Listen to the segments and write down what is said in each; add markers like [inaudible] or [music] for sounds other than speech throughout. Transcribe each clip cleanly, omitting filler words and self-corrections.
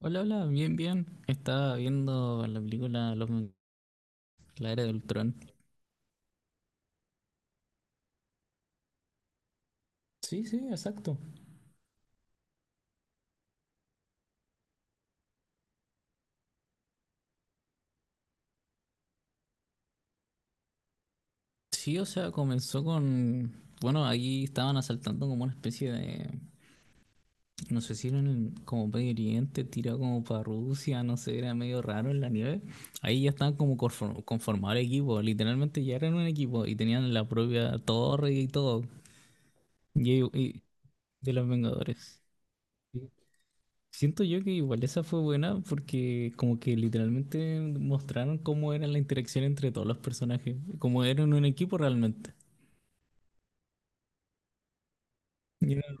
Hola, hola, bien, bien. Estaba viendo la película La Era de Ultrón. Sí, sí, exacto. Sí, o sea, comenzó con... Bueno, ahí estaban asaltando como una especie de... No sé si era como Medio Oriente, tirado como para Rusia, no sé, era medio raro en la nieve. Ahí ya estaban como conformado el equipo, literalmente ya eran un equipo y tenían la propia torre y todo. Y, y- de los Vengadores. Siento yo que igual esa fue buena porque como que literalmente mostraron cómo era la interacción entre todos los personajes, como eran un equipo realmente. Ya.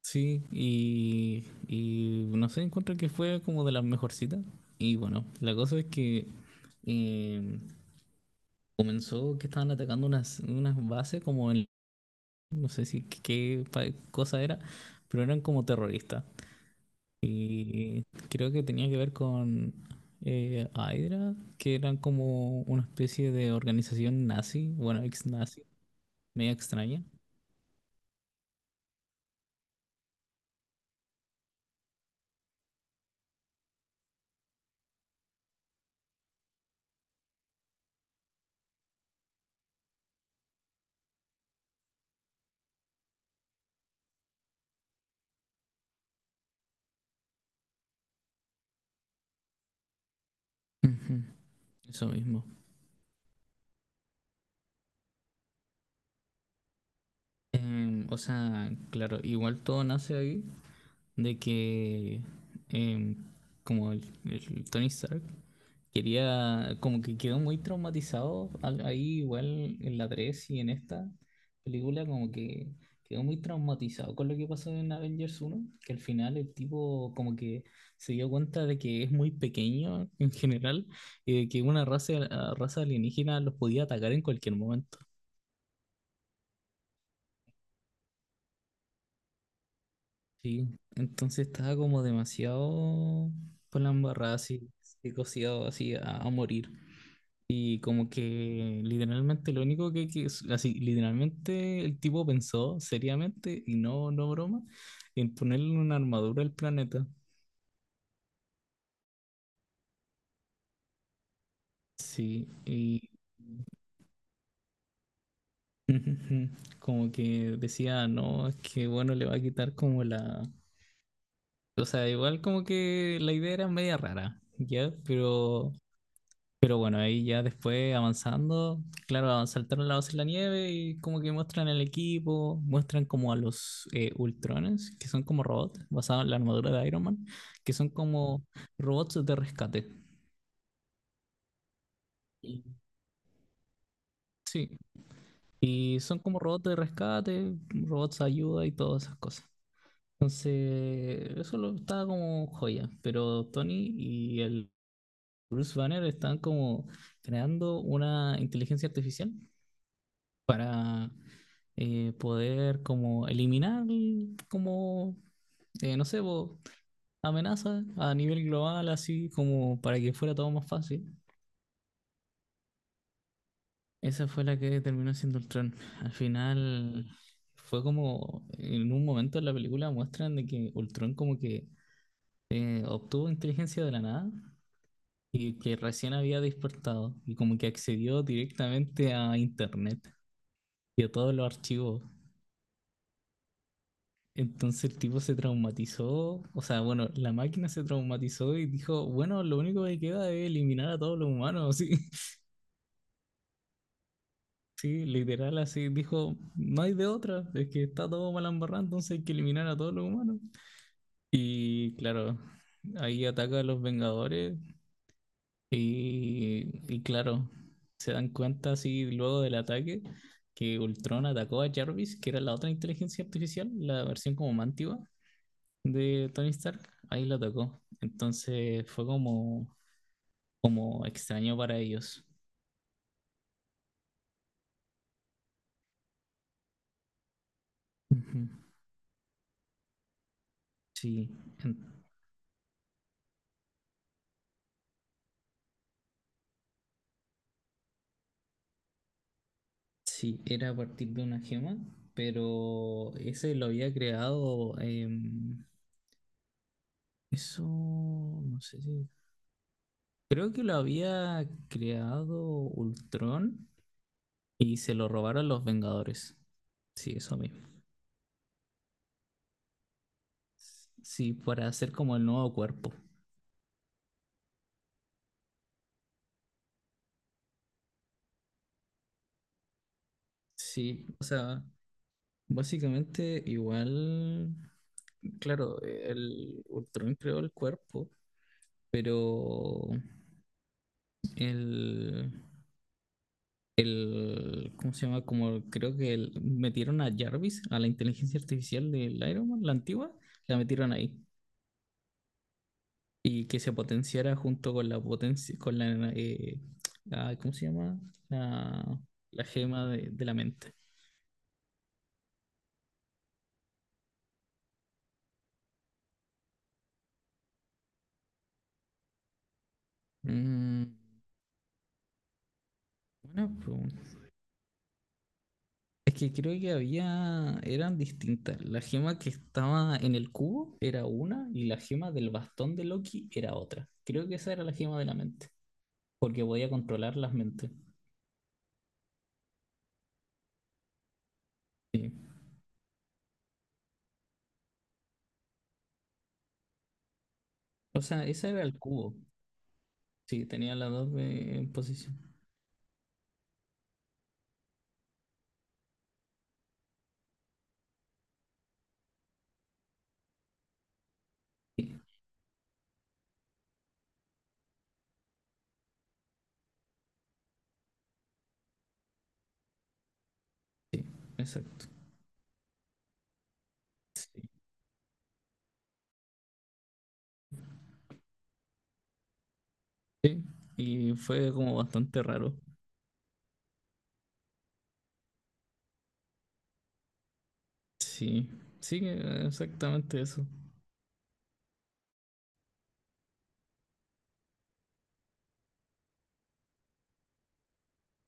Sí, y no sé, encuentro que fue como de las mejorcitas. Y bueno, la cosa es que eh, comenzó que estaban atacando unas bases como en, no sé si cosa era, pero eran como terroristas. Creo que tenía que ver con Hydra, que eran como una especie de organización nazi, bueno, ex nazi, media extraña. Ujú. Eso mismo. O sea, claro, igual todo nace ahí de que em, como el Tony Stark quería, como que quedó muy traumatizado ahí igual en la 3 y en esta película, como que quedó muy traumatizado con lo que pasó en Avengers uno, que al final el tipo como que se dio cuenta de que es muy pequeño en general y de que una raza alienígena los podía atacar en cualquier momento. Sí, entonces estaba como demasiado con la embarrada, así, psicoseado así a morir. Y como que literalmente lo único así, literalmente el tipo pensó seriamente, y no, no broma, en ponerle una armadura al planeta. Sí, y [laughs] como que decía, no, es que bueno, le va a quitar como la... O sea, igual como que la idea era media rara, ¿ya? Pero bueno, ahí ya después avanzando, claro, saltaron la base en la nieve y como que muestran el equipo, muestran como a los Ultrones, que son como robots basados en la armadura de Iron Man, que son como robots de rescate. Y- Sí, y son como robots de rescate, robots de ayuda y todas esas cosas. Entonces, estaba como joya, pero Tony y el Bruce Banner están como creando una inteligencia artificial para poder como eliminar como, no sé, po, amenazas a nivel global, así como para que fuera todo más fácil. Esa fue la que terminó siendo Ultron. Al final fue como, en un momento en la película muestran de que Ultron como que obtuvo inteligencia de la nada y que recién había despertado y como que accedió directamente a internet y a todos los archivos. Entonces el tipo se traumatizó, o sea, bueno, la máquina se traumatizó y dijo, bueno, lo único que queda es eliminar a todos los humanos, sí. [laughs] Sí, literal así, dijo, no hay de otra, es que está todo mal embarrado, entonces hay que eliminar a todos los humanos. Y claro, ahí ataca a los Vengadores y claro, se dan cuenta así luego del ataque que Ultron atacó a Jarvis, que era la otra inteligencia artificial, la versión como más antigua de Tony Stark, ahí lo tocó. Entonces fue como, como extraño para ellos. Ujú. Sí, en- sí, era a partir de una gema, pero ese lo había creado, em, eso, no sé si, creo que lo había creado Ultron y se lo robaron los Vengadores. Sí, eso mismo. Sí, para hacer como el nuevo cuerpo. Sí, o sea, básicamente, igual, claro, el Ultron creó el cuerpo, pero el, el, ¿cómo se llama? Como creo que metieron a Jarvis, a la inteligencia artificial del Iron Man, la antigua, la metieron ahí. Y que se potenciara junto con la potencia, con la, ¿cómo se llama? La, la gema de la mente. Mm, buena pregunta. Es que creo que había, eran distintas. La gema que estaba en el cubo era una y la gema del bastón de Loki era otra. Creo que esa era la gema de la mente, porque podía controlar las mentes. Sí. O sea, esa era el cubo. Sí, tenía las dos en posición. Sí, sí, exacto. Sí. Y fue como bastante raro. Sí, sí, exactamente eso.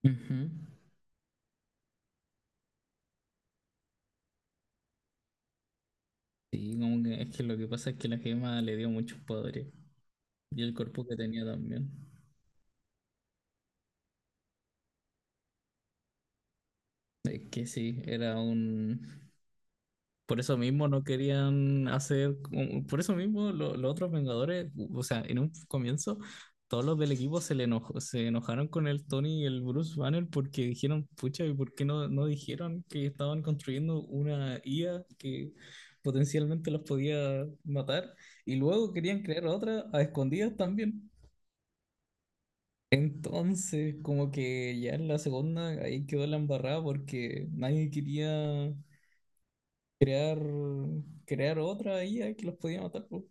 Ujú. Sí, como que es que lo que pasa es que la gema le dio muchos poderes y el cuerpo que tenía también. Es que sí, era un... Por eso mismo no querían hacer... Por eso mismo los otros Vengadores, o sea, en un comienzo, todos los del equipo se enojaron con el Tony y el Bruce Banner porque dijeron, pucha, ¿y por qué no dijeron que estaban construyendo una IA que potencialmente los podía matar? Y luego querían crear otra a escondidas también. Entonces, como que ya en la segunda ahí quedó la embarrada porque nadie quería crear, crear otra IA que los podía matar, po.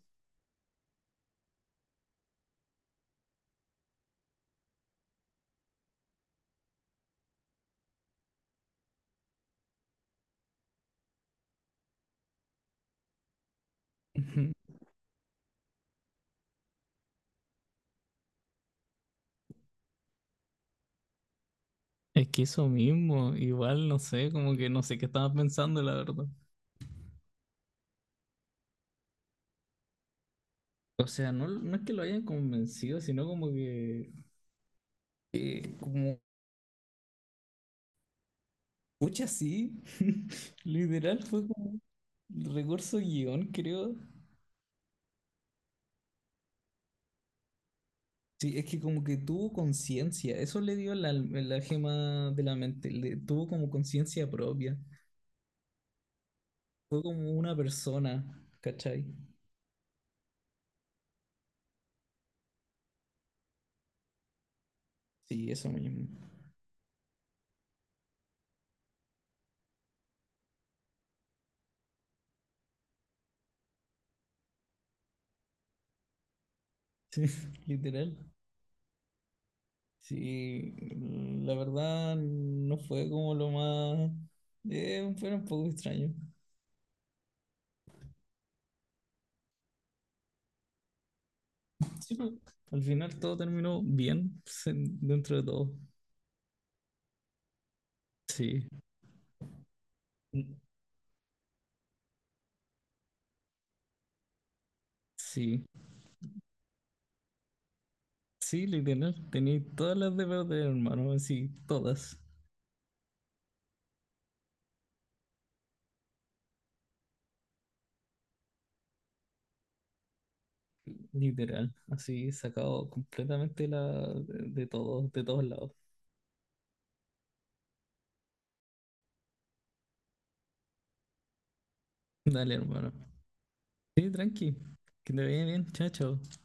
Ujú. Es que eso mismo, igual no sé, como que no sé qué estaba pensando, la verdad. O sea, no, no es que lo hayan convencido, sino como que, eh, como, pucha, sí, [laughs] literal fue como recurso guión, creo. Sí, es que como que tuvo conciencia, eso le dio la gema de la mente, le, tuvo como conciencia propia, fue como una persona, ¿cachai? Sí, eso mismo, [laughs] sí, literal. Sí, la verdad no fue como lo más... fue un poco extraño. Sí, pero al final todo terminó dentro de todo. Sí, sí, sí, literal. Tenía todas las de perder, hermano, así, todas, literal. Así, sacado completamente de todos lados. Dale, hermano. Sí, tranqui. Que te vaya bien, chao, chao.